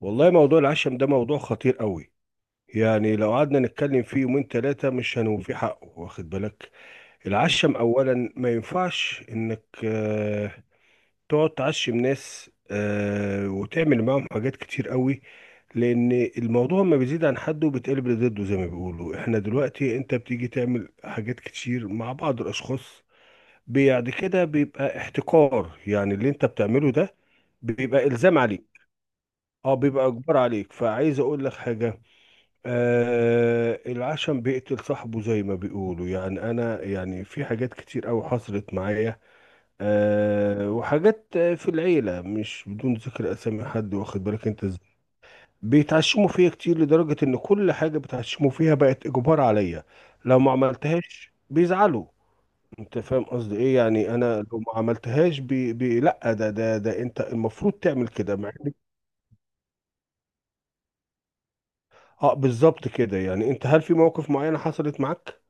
والله موضوع العشم ده موضوع خطير قوي. يعني لو قعدنا نتكلم فيه يومين ثلاثة مش هنوفي حقه، واخد بالك؟ العشم أولا ما ينفعش إنك تقعد تعشم ناس، وتعمل معاهم حاجات كتير قوي، لأن الموضوع ما بيزيد عن حده بيتقلب لضده، زي ما بيقولوا. إحنا دلوقتي أنت بتيجي تعمل حاجات كتير مع بعض الأشخاص، بعد كده بيبقى احتكار يعني اللي أنت بتعمله ده. بيبقى إلزام عليك. اه، بيبقى اجبار عليك، فعايز اقول لك حاجه. العشم بيقتل صاحبه زي ما بيقولوا. يعني انا، يعني في حاجات كتير قوي حصلت معايا. وحاجات، في العيله مش بدون ذكر اسامي حد، واخد بالك انت ازاي. بيتعشموا فيا كتير لدرجه ان كل حاجه بيتعشموا فيها بقت اجبار عليا. لو ما عملتهاش بيزعلوا. انت فاهم قصدي ايه؟ يعني انا لو ما عملتهاش، بي لا، ده انت المفروض تعمل كده، مع اه بالظبط كده. يعني انت، هل في مواقف معينه حصلت معاك؟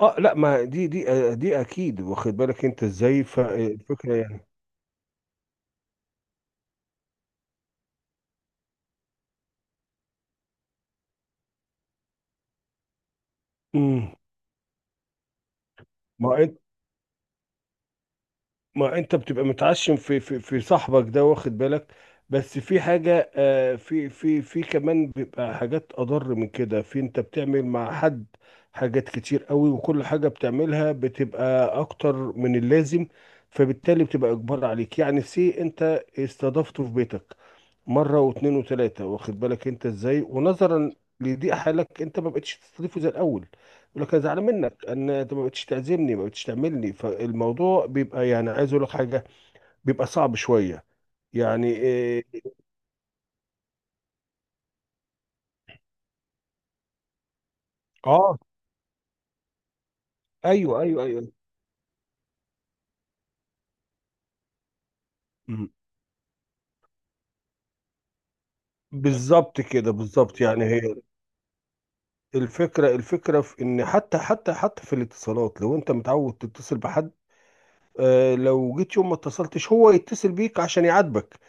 اه لا، ما دي دي اكيد، واخد بالك انت ازاي. الفكره يعني. امم. ما انت ما انت بتبقى متعشم في صاحبك ده، واخد بالك. بس في حاجه، في كمان بيبقى حاجات اضر من كده، في انت بتعمل مع حد حاجات كتير قوي، وكل حاجه بتعملها بتبقى اكتر من اللازم، فبالتالي بتبقى اجبار عليك. يعني سي انت استضفته في بيتك مره واثنين وثلاثه، واخد بالك انت ازاي، ونظرا لضيق حالك انت ما بقتش تستضيفه زي الاول. يقول لك انا زعلان منك، ان انت ما بقتش تعزمني ما بقتش تعملني. فالموضوع بيبقى، يعني عايز اقول لك حاجه، بيبقى صعب شويه. يعني إيه- اه، ايوه، ايوه، ايوه. مم. بالظبط كده بالظبط. يعني هي الفكره في ان حتى في الاتصالات، لو انت متعود تتصل بحد. لو جيت يوم ما اتصلتش، هو يتصل بيك عشان يعاتبك.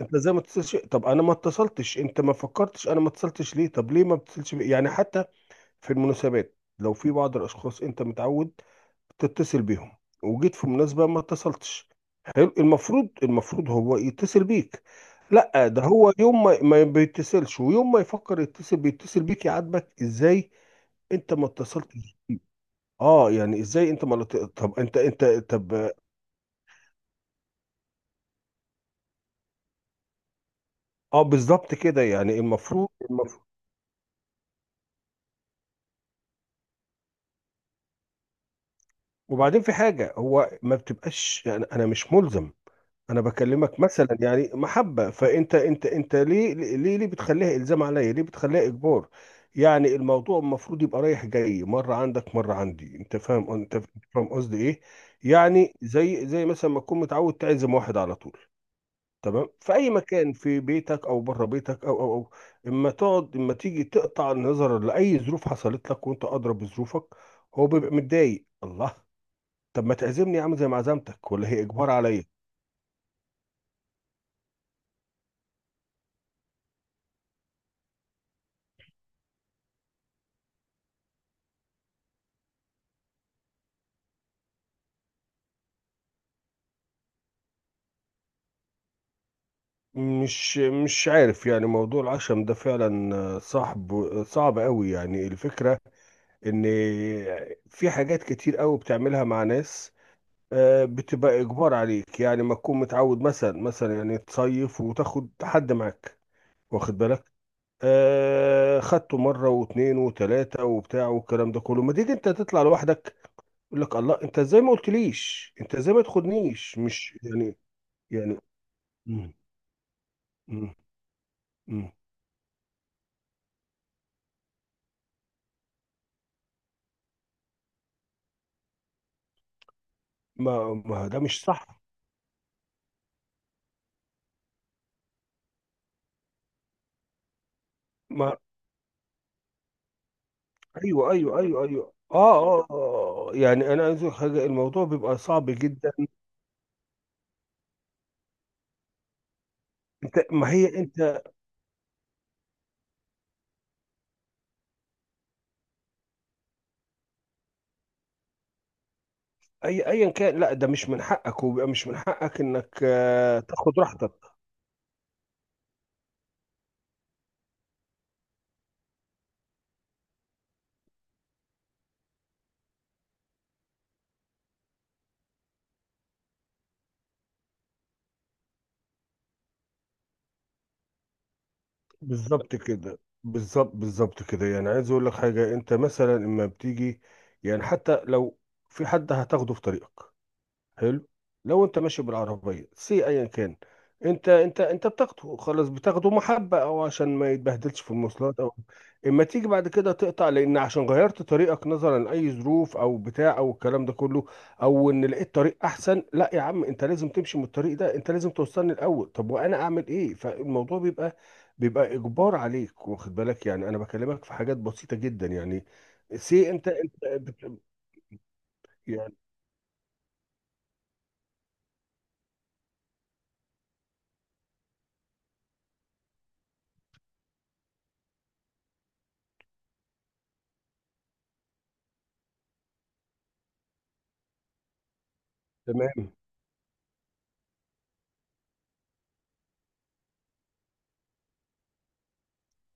انت زي ما اتصلش. طب انا ما اتصلتش، انت ما فكرتش انا ما اتصلتش ليه؟ طب ليه ما بتتصلش يعني حتى في المناسبات، لو في بعض الاشخاص انت متعود تتصل بيهم، وجيت في مناسبة ما اتصلتش. حلو، المفروض هو يتصل بيك. لا، ده هو يوم ما بيتصلش، ويوم ما يفكر يتصل بيتصل بيك، يعاتبك ازاي انت ما اتصلتش. اه، يعني ازاي انت ما لت- طب انت طب. اه بالظبط كده. يعني المفروض. وبعدين في حاجة هو ما بتبقاش، يعني أنا مش ملزم. أنا بكلمك مثلا يعني محبة. فأنت أنت ليه ليه بتخليها إلزام عليا؟ ليه بتخليها إجبار؟ يعني الموضوع المفروض يبقى رايح جاي، مرة عندك مرة عندي. أنت فاهم؟ أنت فاهم قصدي إيه؟ يعني زي مثلا ما تكون متعود تعزم واحد على طول. تمام، في أي مكان، في بيتك أو بره بيتك، أو. إما تقعد إما تيجي، تقطع النظر لأي ظروف حصلت لك وأنت أدرى بظروفك. هو بيبقى متضايق. الله. طب ما تعزمني يا عم، زي ما عزمتك، ولا هي اجبار عليا؟ مش عارف. يعني موضوع العشم ده فعلا صعب، صعب قوي. يعني الفكرة ان في حاجات كتير قوي بتعملها مع ناس، بتبقى اجبار عليك. يعني ما تكون متعود مثلا يعني تصيف وتاخد حد معاك، واخد بالك. خدته مرة واتنين وتلاتة وبتاع والكلام ده كله، ما تيجي انت تطلع لوحدك. يقول لك الله، انت ازاي ما قلتليش، انت ازاي ما تاخدنيش. مش يعني يعني. مم. مم. ما ده مش صح. ما ايوه، ايوه، ايوه، ايوه، اه، اه، آه. آه. يعني انا عايز أقول حاجه، الموضوع بيبقى صعب جدا. انت، ما هي انت. ايا كان، لا ده مش من حقك، وبيبقى مش من حقك انك تاخد راحتك. بالظبط كده، بالظبط كده. يعني عايز اقول لك حاجه، انت مثلا اما بتيجي، يعني حتى لو في حد هتاخده في طريقك، حلو. لو انت ماشي بالعربيه، سي ايا كان انت بتاخده، خلاص بتاخده محبه، او عشان ما يتبهدلش في المواصلات، او اما تيجي بعد كده تقطع لان عشان غيرت طريقك نظرا لاي ظروف، او بتاع، او الكلام ده كله، او ان لقيت طريق احسن. لا يا عم، انت لازم تمشي من الطريق ده، انت لازم توصلني الاول. طب وانا اعمل ايه؟ فالموضوع بيبقى اجبار عليك، واخد بالك. يعني انا بكلمك في حاجات بسيطه جدا. يعني سي يعني تمام.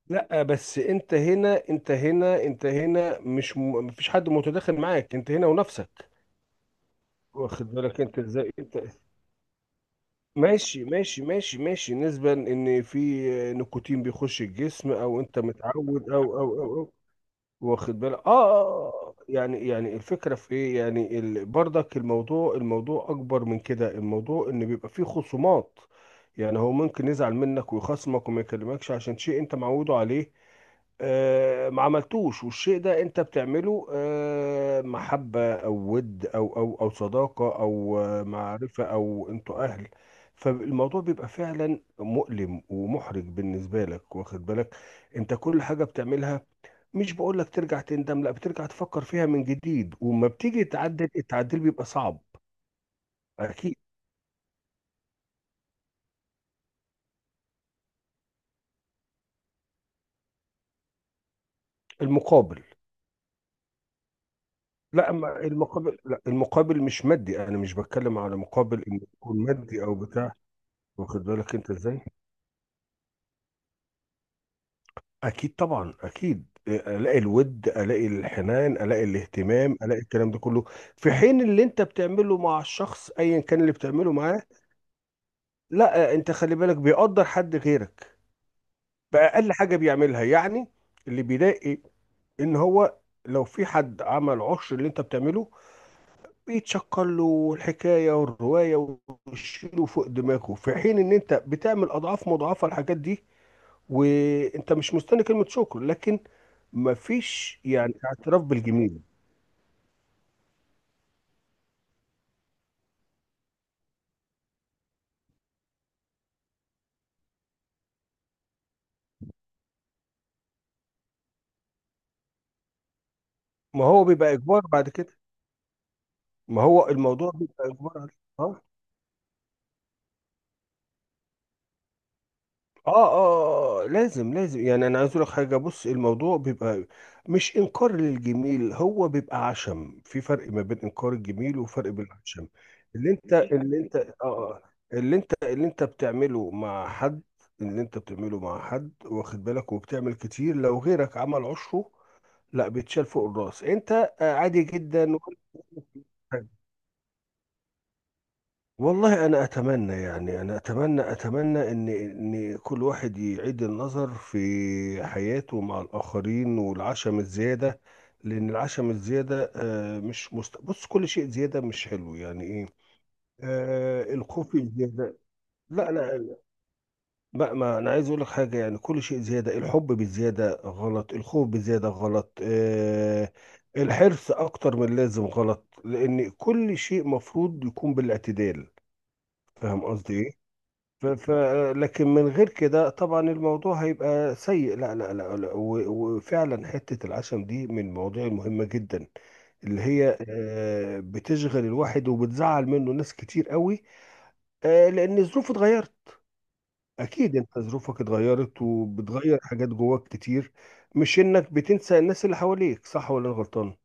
لا بس انت هنا مش مفيش حد متداخل معاك، انت هنا ونفسك. واخد بالك انت ازاي. انت ماشي، ماشي، ماشي، ماشي، نسبة ان في نيكوتين بيخش الجسم، او انت متعود، او. واخد بالك. يعني الفكرة في ايه؟ يعني برضك الموضوع اكبر من كده. الموضوع ان بيبقى فيه خصومات. يعني هو ممكن يزعل منك ويخصمك وما يكلمكش عشان شيء انت معوده عليه، ما عملتوش. والشيء ده انت بتعمله، محبة او ود، او صداقة، او معرفة، او انتوا اهل. فالموضوع بيبقى فعلا مؤلم ومحرج بالنسبة لك، واخد بالك. انت كل حاجة بتعملها، مش بقول لك ترجع تندم لا، بترجع تفكر فيها من جديد، وما بتيجي تعدل التعديل بيبقى صعب. اكيد. المقابل. لا، أما المقابل، لا، المقابل مش مادي، انا مش بتكلم على مقابل انه يكون مادي او بتاع. واخد بالك انت ازاي. اكيد طبعا اكيد الاقي الود، الاقي الحنان، الاقي الاهتمام، الاقي الكلام ده كله. في حين اللي انت بتعمله مع الشخص ايا كان اللي بتعمله معاه. لا، انت خلي بالك بيقدر حد غيرك باقل حاجه بيعملها يعني. اللي بيلاقي ان هو، لو في حد عمل عشر اللي انت بتعمله، بيتشكر له الحكايه والروايه، ويشيله فوق دماغه. في حين ان انت بتعمل اضعاف مضاعفه الحاجات دي، وانت مش مستني كلمة شكر، لكن مفيش يعني اعتراف بالجميل. ما هو بيبقى اجبار بعد كده. ما هو الموضوع بيبقى اجبار عليك. لازم، لازم. يعني انا عايز اقول لك حاجه، بص الموضوع بيبقى مش انكار للجميل، هو بيبقى عشم. في فرق ما بين انكار الجميل، وفرق بين العشم. اللي انت اللي انت اه آه، اللي انت بتعمله مع حد، اللي انت بتعمله مع حد، واخد بالك. وبتعمل كتير، لو غيرك عمل عشره، لا بيتشال فوق الراس. انت عادي جدا. والله انا اتمنى. يعني انا اتمنى ان كل واحد يعيد النظر في حياته مع الاخرين، والعشم الزياده. لان العشم الزياده، مش بص كل شيء زياده مش حلو. يعني ايه. الخوف الزياده. لا، لا، لا، ما انا عايز اقول لك حاجه، يعني كل شيء زياده، الحب بالزياده غلط، الخوف بالزياده غلط، الحرص اكتر من اللازم غلط، لان كل شيء مفروض يكون بالاعتدال. فاهم قصدي ايه؟ ف ف لكن من غير كده طبعا الموضوع هيبقى سيء. لا، لا، لا، لا، وفعلا حته العشم دي من المواضيع المهمه جدا، اللي هي بتشغل الواحد، وبتزعل منه ناس كتير قوي، لان الظروف اتغيرت. اكيد انت ظروفك اتغيرت، وبتغير حاجات جواك كتير، مش انك بتنسى الناس اللي حواليك، صح ولا انا غلطان؟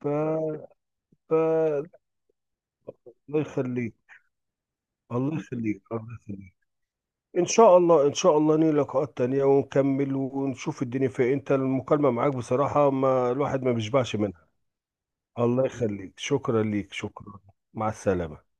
ف... ف... الله يخليك، الله يخليك، الله يخليك. ان شاء الله، ان شاء الله نيجي لقاءات تانية، ونكمل ونشوف الدنيا فيها. انت المكالمة معاك بصراحة ما الواحد ما بيشبعش منها. الله يخليك. شكرا ليك، شكرا. مع السلامة.